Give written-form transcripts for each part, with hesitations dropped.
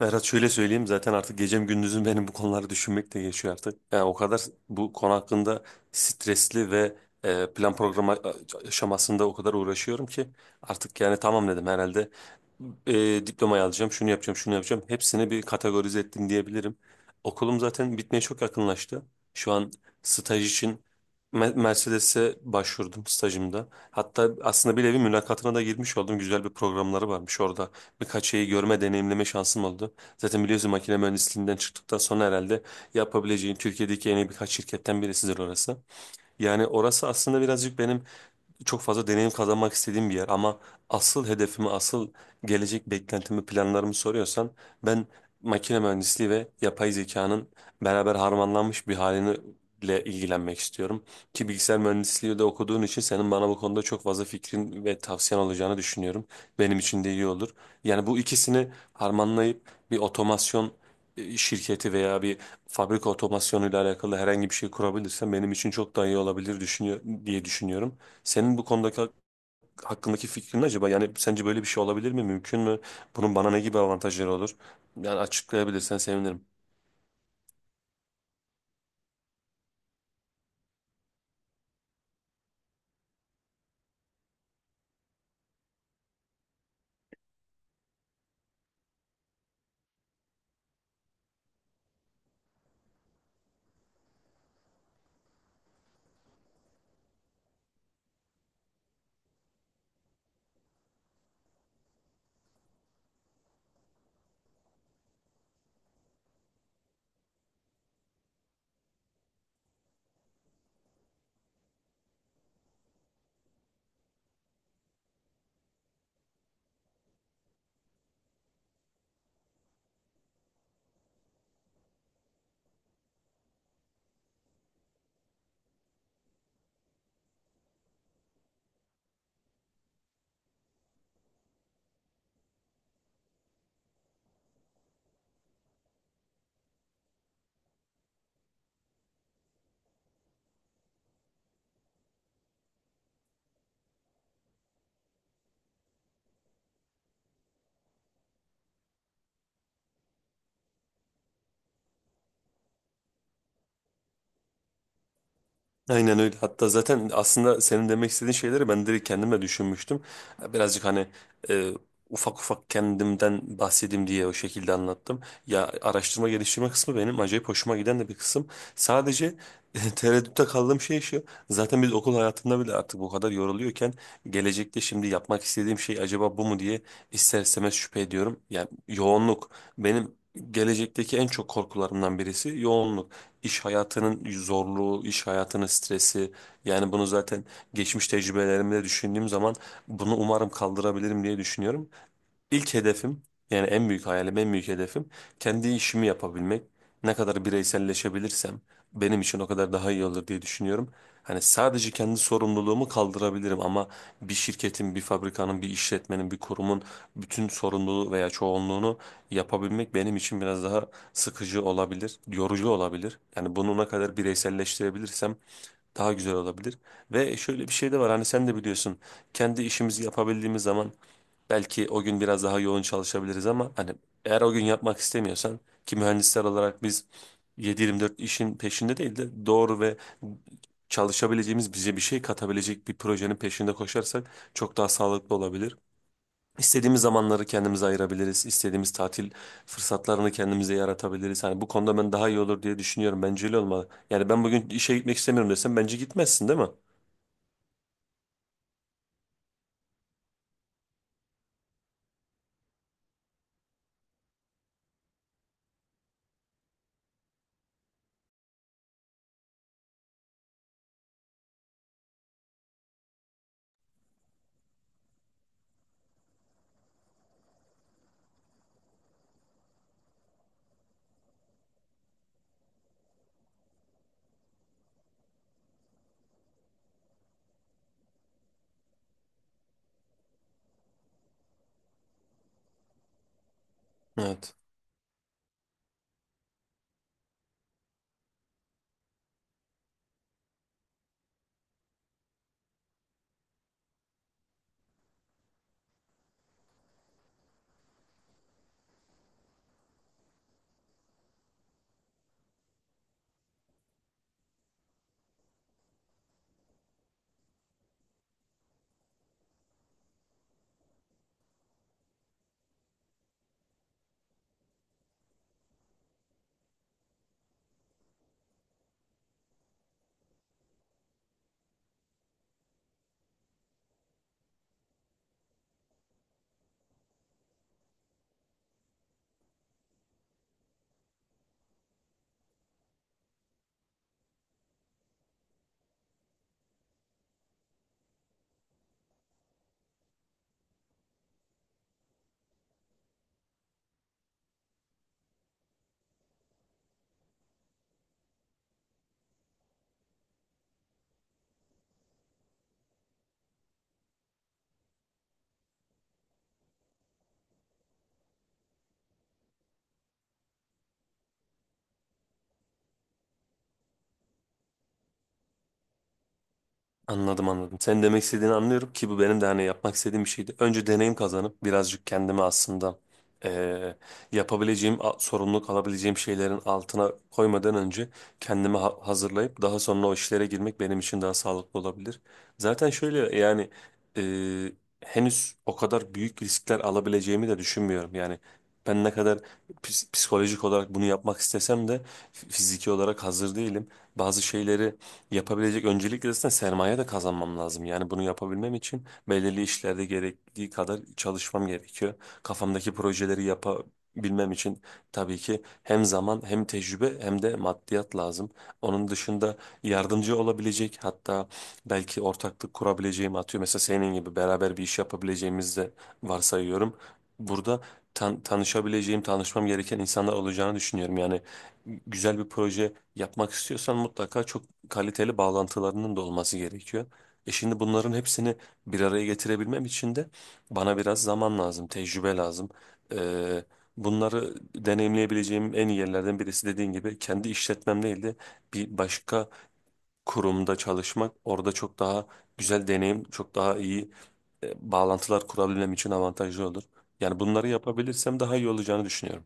Berat şöyle söyleyeyim, zaten artık gecem gündüzüm benim bu konuları düşünmek de geçiyor artık. Yani o kadar bu konu hakkında stresli ve plan programı aşamasında o kadar uğraşıyorum ki artık yani tamam dedim, herhalde diplomayı alacağım, şunu yapacağım, şunu yapacağım. Hepsini bir kategorize ettim diyebilirim. Okulum zaten bitmeye çok yakınlaştı. Şu an staj için Mercedes'e başvurdum stajımda. Hatta aslında bir nevi mülakatına da girmiş oldum. Güzel bir programları varmış orada. Birkaç şeyi görme, deneyimleme şansım oldu. Zaten biliyorsun, makine mühendisliğinden çıktıktan sonra herhalde yapabileceğin Türkiye'deki en iyi birkaç şirketten birisidir orası. Yani orası aslında birazcık benim çok fazla deneyim kazanmak istediğim bir yer, ama asıl hedefimi, asıl gelecek beklentimi, planlarımı soruyorsan, ben makine mühendisliği ve yapay zekanın beraber harmanlanmış bir halini ile ilgilenmek istiyorum. Ki bilgisayar mühendisliği de okuduğun için senin bana bu konuda çok fazla fikrin ve tavsiyen olacağını düşünüyorum. Benim için de iyi olur. Yani bu ikisini harmanlayıp bir otomasyon şirketi veya bir fabrika otomasyonuyla alakalı herhangi bir şey kurabilirsem benim için çok daha iyi olabilir diye düşünüyorum. Senin bu konudaki hakkındaki fikrin ne acaba? Yani sence böyle bir şey olabilir mi? Mümkün mü? Bunun bana ne gibi avantajları olur? Yani açıklayabilirsen sevinirim. Aynen öyle. Hatta zaten aslında senin demek istediğin şeyleri ben direkt kendime düşünmüştüm. Birazcık hani e, ufak ufak kendimden bahsedeyim diye o şekilde anlattım. Ya, araştırma geliştirme kısmı benim acayip hoşuma giden de bir kısım. Sadece tereddütte kaldığım şey şu. Zaten biz okul hayatında bile artık bu kadar yoruluyorken, gelecekte şimdi yapmak istediğim şey acaba bu mu diye ister istemez şüphe ediyorum. Yani yoğunluk, benim gelecekteki en çok korkularımdan birisi yoğunluk, iş hayatının zorluğu, iş hayatının stresi. Yani bunu zaten geçmiş tecrübelerimde düşündüğüm zaman, bunu umarım kaldırabilirim diye düşünüyorum. İlk hedefim, yani en büyük hayalim, en büyük hedefim kendi işimi yapabilmek. Ne kadar bireyselleşebilirsem benim için o kadar daha iyi olur diye düşünüyorum. Hani sadece kendi sorumluluğumu kaldırabilirim ama bir şirketin, bir fabrikanın, bir işletmenin, bir kurumun bütün sorumluluğu veya çoğunluğunu yapabilmek benim için biraz daha sıkıcı olabilir, yorucu olabilir. Yani bunu ne kadar bireyselleştirebilirsem daha güzel olabilir. Ve şöyle bir şey de var, hani sen de biliyorsun, kendi işimizi yapabildiğimiz zaman belki o gün biraz daha yoğun çalışabiliriz ama hani eğer o gün yapmak istemiyorsan, ki mühendisler olarak biz 7-24 işin peşinde değil de doğru ve çalışabileceğimiz, bize bir şey katabilecek bir projenin peşinde koşarsak çok daha sağlıklı olabilir. İstediğimiz zamanları kendimize ayırabiliriz. İstediğimiz tatil fırsatlarını kendimize yaratabiliriz. Hani bu konuda ben daha iyi olur diye düşünüyorum. Bence öyle olmalı. Yani ben bugün işe gitmek istemiyorum desem bence gitmezsin, değil mi? Evet. Anladım, anladım. Senin demek istediğini anlıyorum, ki bu benim de hani yapmak istediğim bir şeydi. Önce deneyim kazanıp birazcık kendimi aslında eee, sorumluluk alabileceğim şeylerin altına koymadan önce kendimi hazırlayıp daha sonra o işlere girmek benim için daha sağlıklı olabilir. Zaten şöyle, yani eee, henüz o kadar büyük riskler alabileceğimi de düşünmüyorum. Yani ben ne kadar psikolojik olarak bunu yapmak istesem de fiziki olarak hazır değilim. Bazı şeyleri yapabilecek öncelikle zaten sermaye de kazanmam lazım. Yani bunu yapabilmem için belirli işlerde gerektiği kadar çalışmam gerekiyor. Kafamdaki projeleri yapabilmem için tabii ki hem zaman, hem tecrübe, hem de maddiyat lazım. Onun dışında yardımcı olabilecek, hatta belki ortaklık kurabileceğim, atıyor mesela senin gibi beraber bir iş yapabileceğimizi de varsayıyorum. Burada tanışabileceğim, tanışmam gereken insanlar olacağını düşünüyorum. Yani güzel bir proje yapmak istiyorsan mutlaka çok kaliteli bağlantılarının da olması gerekiyor. E şimdi bunların hepsini bir araya getirebilmem için de bana biraz zaman lazım, tecrübe lazım. Ee, Bunları deneyimleyebileceğim en iyi yerlerden birisi, dediğin gibi kendi işletmem değil de bir başka kurumda çalışmak, orada çok daha güzel deneyim, çok daha iyi bağlantılar kurabilmem için avantajlı olur. Yani bunları yapabilirsem daha iyi olacağını düşünüyorum.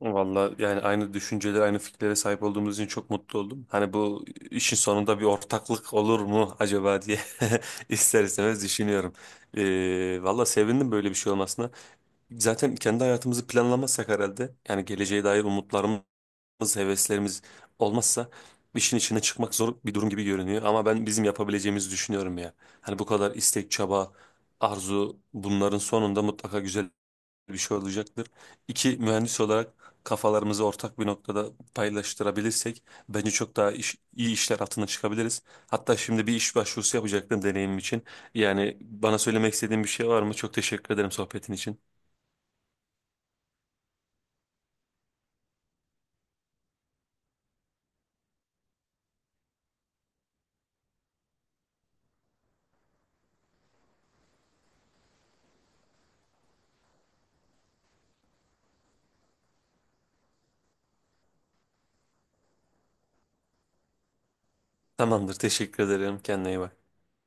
Valla yani aynı düşüncelere, aynı fikirlere sahip olduğumuz için çok mutlu oldum. Hani bu işin sonunda bir ortaklık olur mu acaba diye ister istemez düşünüyorum. Valla sevindim böyle bir şey olmasına. Zaten kendi hayatımızı planlamazsak herhalde, yani geleceğe dair umutlarımız, heveslerimiz olmazsa, işin içine çıkmak zor bir durum gibi görünüyor. Ama ben bizim yapabileceğimizi düşünüyorum ya. Hani bu kadar istek, çaba, arzu, bunların sonunda mutlaka güzel bir şey olacaktır. İki mühendis olarak kafalarımızı ortak bir noktada paylaştırabilirsek bence çok daha iyi işler altına çıkabiliriz. Hatta şimdi bir iş başvurusu yapacaktım deneyimim için. Yani bana söylemek istediğin bir şey var mı? Çok teşekkür ederim sohbetin için. Tamamdır, teşekkür ederim. Kendine iyi bak.